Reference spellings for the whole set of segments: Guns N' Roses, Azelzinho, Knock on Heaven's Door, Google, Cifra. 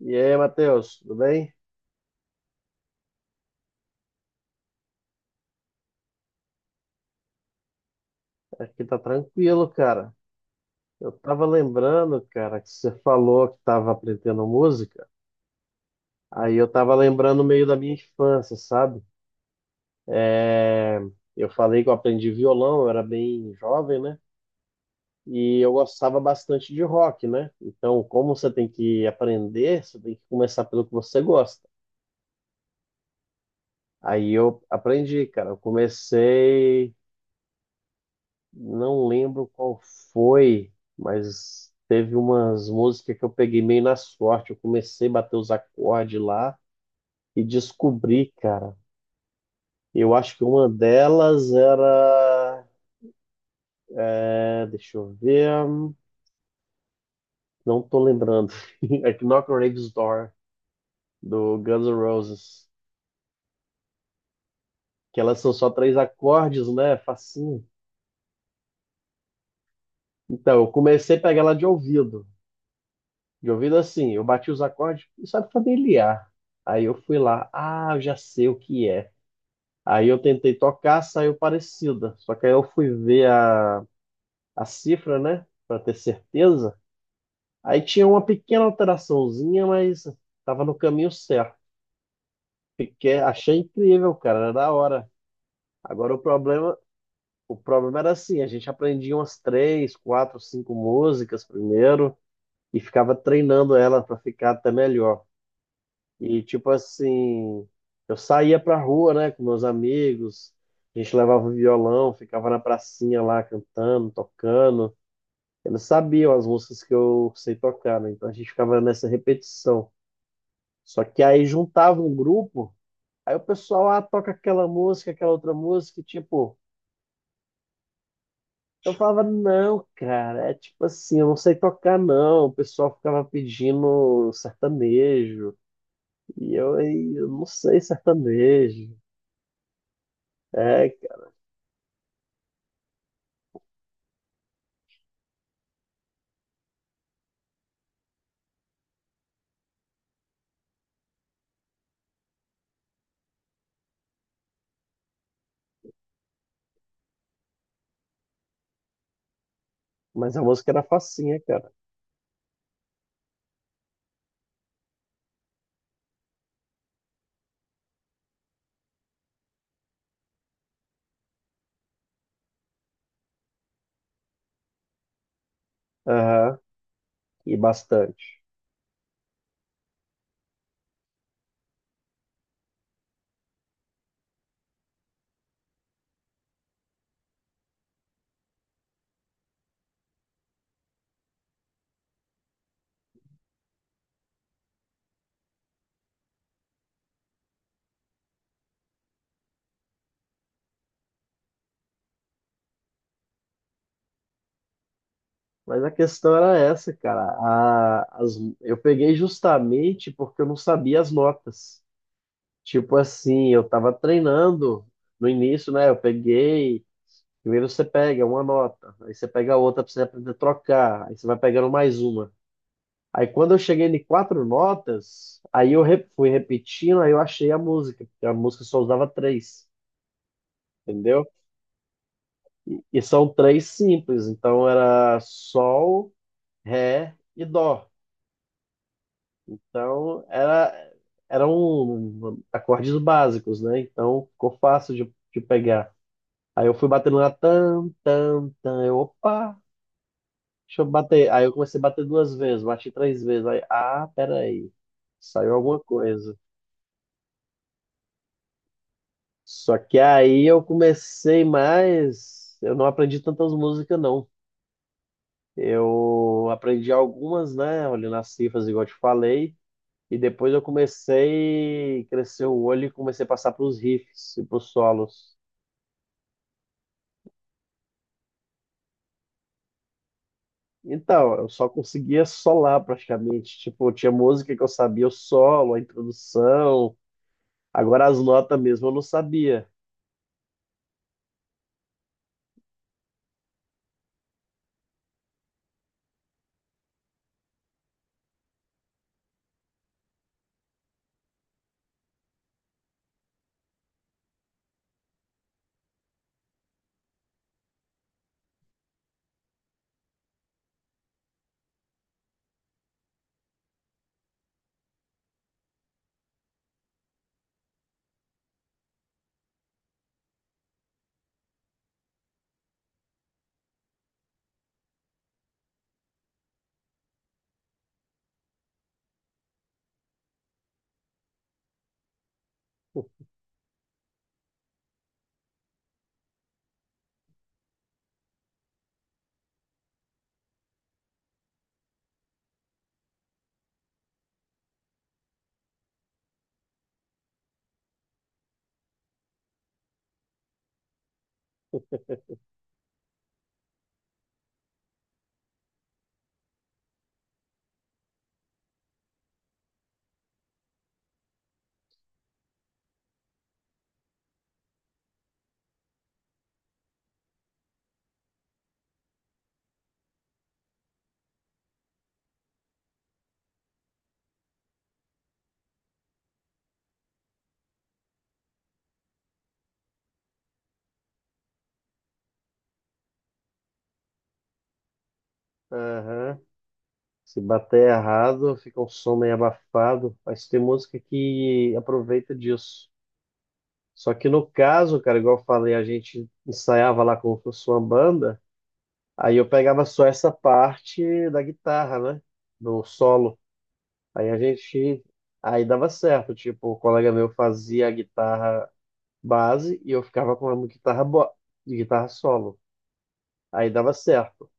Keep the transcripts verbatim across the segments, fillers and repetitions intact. E aí, Matheus, tudo bem? Aqui tá tranquilo, cara. Eu tava lembrando, cara, que você falou que tava aprendendo música. Aí eu tava lembrando meio da minha infância, sabe? É, eu falei que eu aprendi violão, eu era bem jovem, né? E eu gostava bastante de rock, né? Então, como você tem que aprender, você tem que começar pelo que você gosta. Aí eu aprendi, cara. Eu comecei Não lembro qual foi, mas teve umas músicas que eu peguei meio na sorte. Eu comecei a bater os acordes lá e descobri, cara. Eu acho que uma delas era. É, deixa eu ver. Não tô lembrando. É que Knock on Heaven's Door, do Guns N' Roses. Que elas são só três acordes, né? Facinho. Então, eu comecei a pegar ela de ouvido. De ouvido assim, eu bati os acordes e sabe familiar. Aí eu fui lá, ah, eu já sei o que é. Aí eu tentei tocar, saiu parecida. Só que aí eu fui ver a, a cifra, né, pra ter certeza. Aí tinha uma pequena alteraçãozinha, mas tava no caminho certo. Fiquei, achei incrível, cara, era da hora. Agora o problema, o problema era assim, a gente aprendia umas três, quatro, cinco músicas primeiro e ficava treinando ela pra ficar até melhor. E tipo assim, eu saía pra rua, né, com meus amigos, a gente levava o violão, ficava na pracinha lá cantando, tocando. Eles sabiam as músicas que eu sei tocar, né? Então a gente ficava nessa repetição. Só que aí juntava um grupo, aí o pessoal, ah, toca aquela música, aquela outra música, e, tipo, eu falava, não, cara, é tipo assim, eu não sei tocar, não. O pessoal ficava pedindo sertanejo, e eu, "Ei, eu não sei sertanejo. É, mas a música era facinha, cara. Aham, e bastante. Mas a questão era essa, cara. A- as- eu peguei justamente porque eu não sabia as notas. Tipo assim, eu tava treinando no início, né? Eu peguei. Primeiro você pega uma nota, aí você pega outra pra você aprender a trocar, aí você vai pegando mais uma. Aí quando eu cheguei em quatro notas, aí eu re- fui repetindo, aí eu achei a música, porque a música só usava três, entendeu? E são três simples, então era sol, ré e dó. Então era, eram acordes básicos, né? Então ficou fácil de, de pegar. Aí eu fui batendo na tam, tam, tam, eu, opa, deixa eu bater. Aí eu comecei a bater duas vezes, bati três vezes. Aí, ah, peraí, saiu alguma coisa. Só que aí eu comecei mais, eu não aprendi tantas músicas, não. Eu aprendi algumas, né? Olhando as cifras, igual eu te falei. E depois eu comecei a crescer o olho e comecei a passar para os riffs e para os solos. Então, eu só conseguia solar praticamente. Tipo, tinha música que eu sabia o solo, a introdução. Agora as notas mesmo eu não sabia. Aham. Se bater errado, fica um som meio abafado. Mas tem música que aproveita disso. Só que no caso, cara, igual eu falei, a gente ensaiava lá como se fosse uma banda. Aí eu pegava só essa parte da guitarra, né? Do solo. Aí a gente. Aí dava certo. Tipo, o colega meu fazia a guitarra base e eu ficava com a guitarra, bo... guitarra solo. Aí dava certo.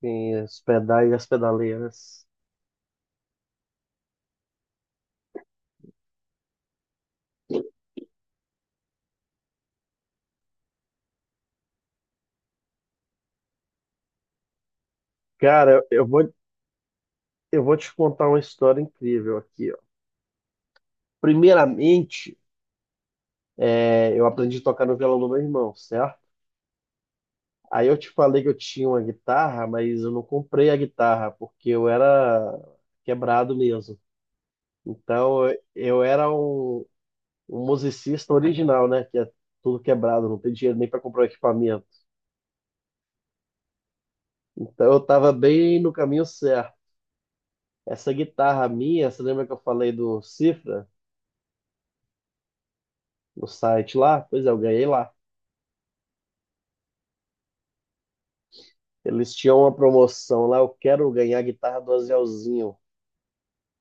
Tem os pedais e as pedaleiras. Cara, eu eu vou, eu vou te contar uma história incrível aqui, ó. Primeiramente, é, eu aprendi a tocar no violão do meu irmão, certo? Aí eu te falei que eu tinha uma guitarra, mas eu não comprei a guitarra porque eu era quebrado mesmo. Então eu eu era um, um musicista original, né? Que é tudo quebrado, não tem dinheiro nem para comprar o equipamento. Então eu estava bem no caminho certo. Essa guitarra minha, você lembra que eu falei do Cifra, no site lá? Pois é, eu ganhei lá. Eles tinham uma promoção lá, eu quero ganhar a guitarra do Azelzinho.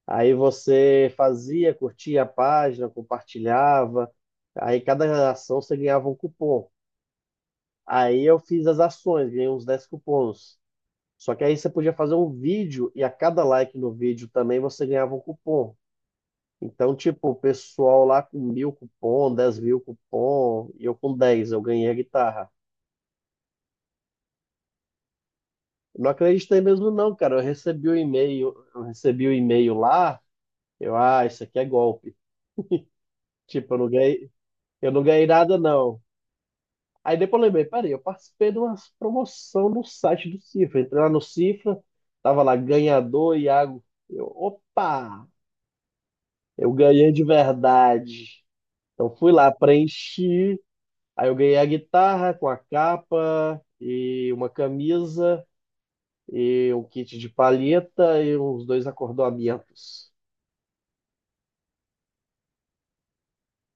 Aí você fazia, curtia a página, compartilhava. Aí cada ação você ganhava um cupom. Aí eu fiz as ações, ganhei uns dez cupons. Só que aí você podia fazer um vídeo e a cada like no vídeo também você ganhava um cupom. Então, tipo, o pessoal lá com mil cupom, dez mil cupom, e eu com dez eu ganhei a guitarra. Não acreditei mesmo não, cara. Eu recebi o e-mail, eu recebi o e-mail lá, eu, ah, isso aqui é golpe. Tipo, eu não ganhei, eu não ganhei nada não. Aí depois eu lembrei, peraí, eu participei de uma promoção no site do Cifra. Entrei lá no Cifra, tava lá ganhador, Iago. Eu, opa, eu ganhei de verdade. Então fui lá, preenchi. Aí eu ganhei a guitarra com a capa e uma camisa e um kit de palheta e uns dois acordoamentos.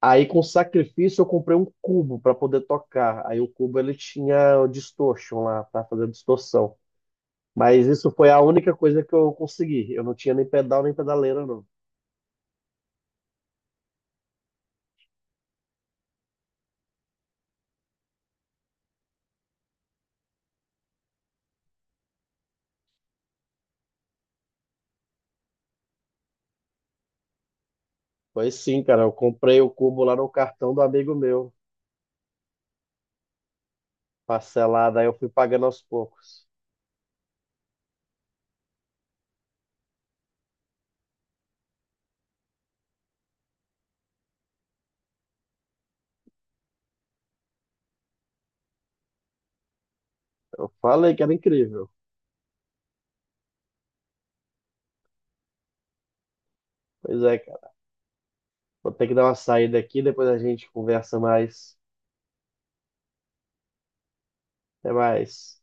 Aí com sacrifício eu comprei um cubo para poder tocar. Aí o cubo ele tinha o distortion lá, para fazer distorção. Mas isso foi a única coisa que eu consegui. Eu não tinha nem pedal nem pedaleira, não. Foi sim, cara. Eu comprei o cubo lá no cartão do amigo meu, parcelado. Aí eu fui pagando aos poucos. Eu falei que era incrível. Pois é, cara. Vou ter que dar uma saída aqui, depois a gente conversa mais. Até mais.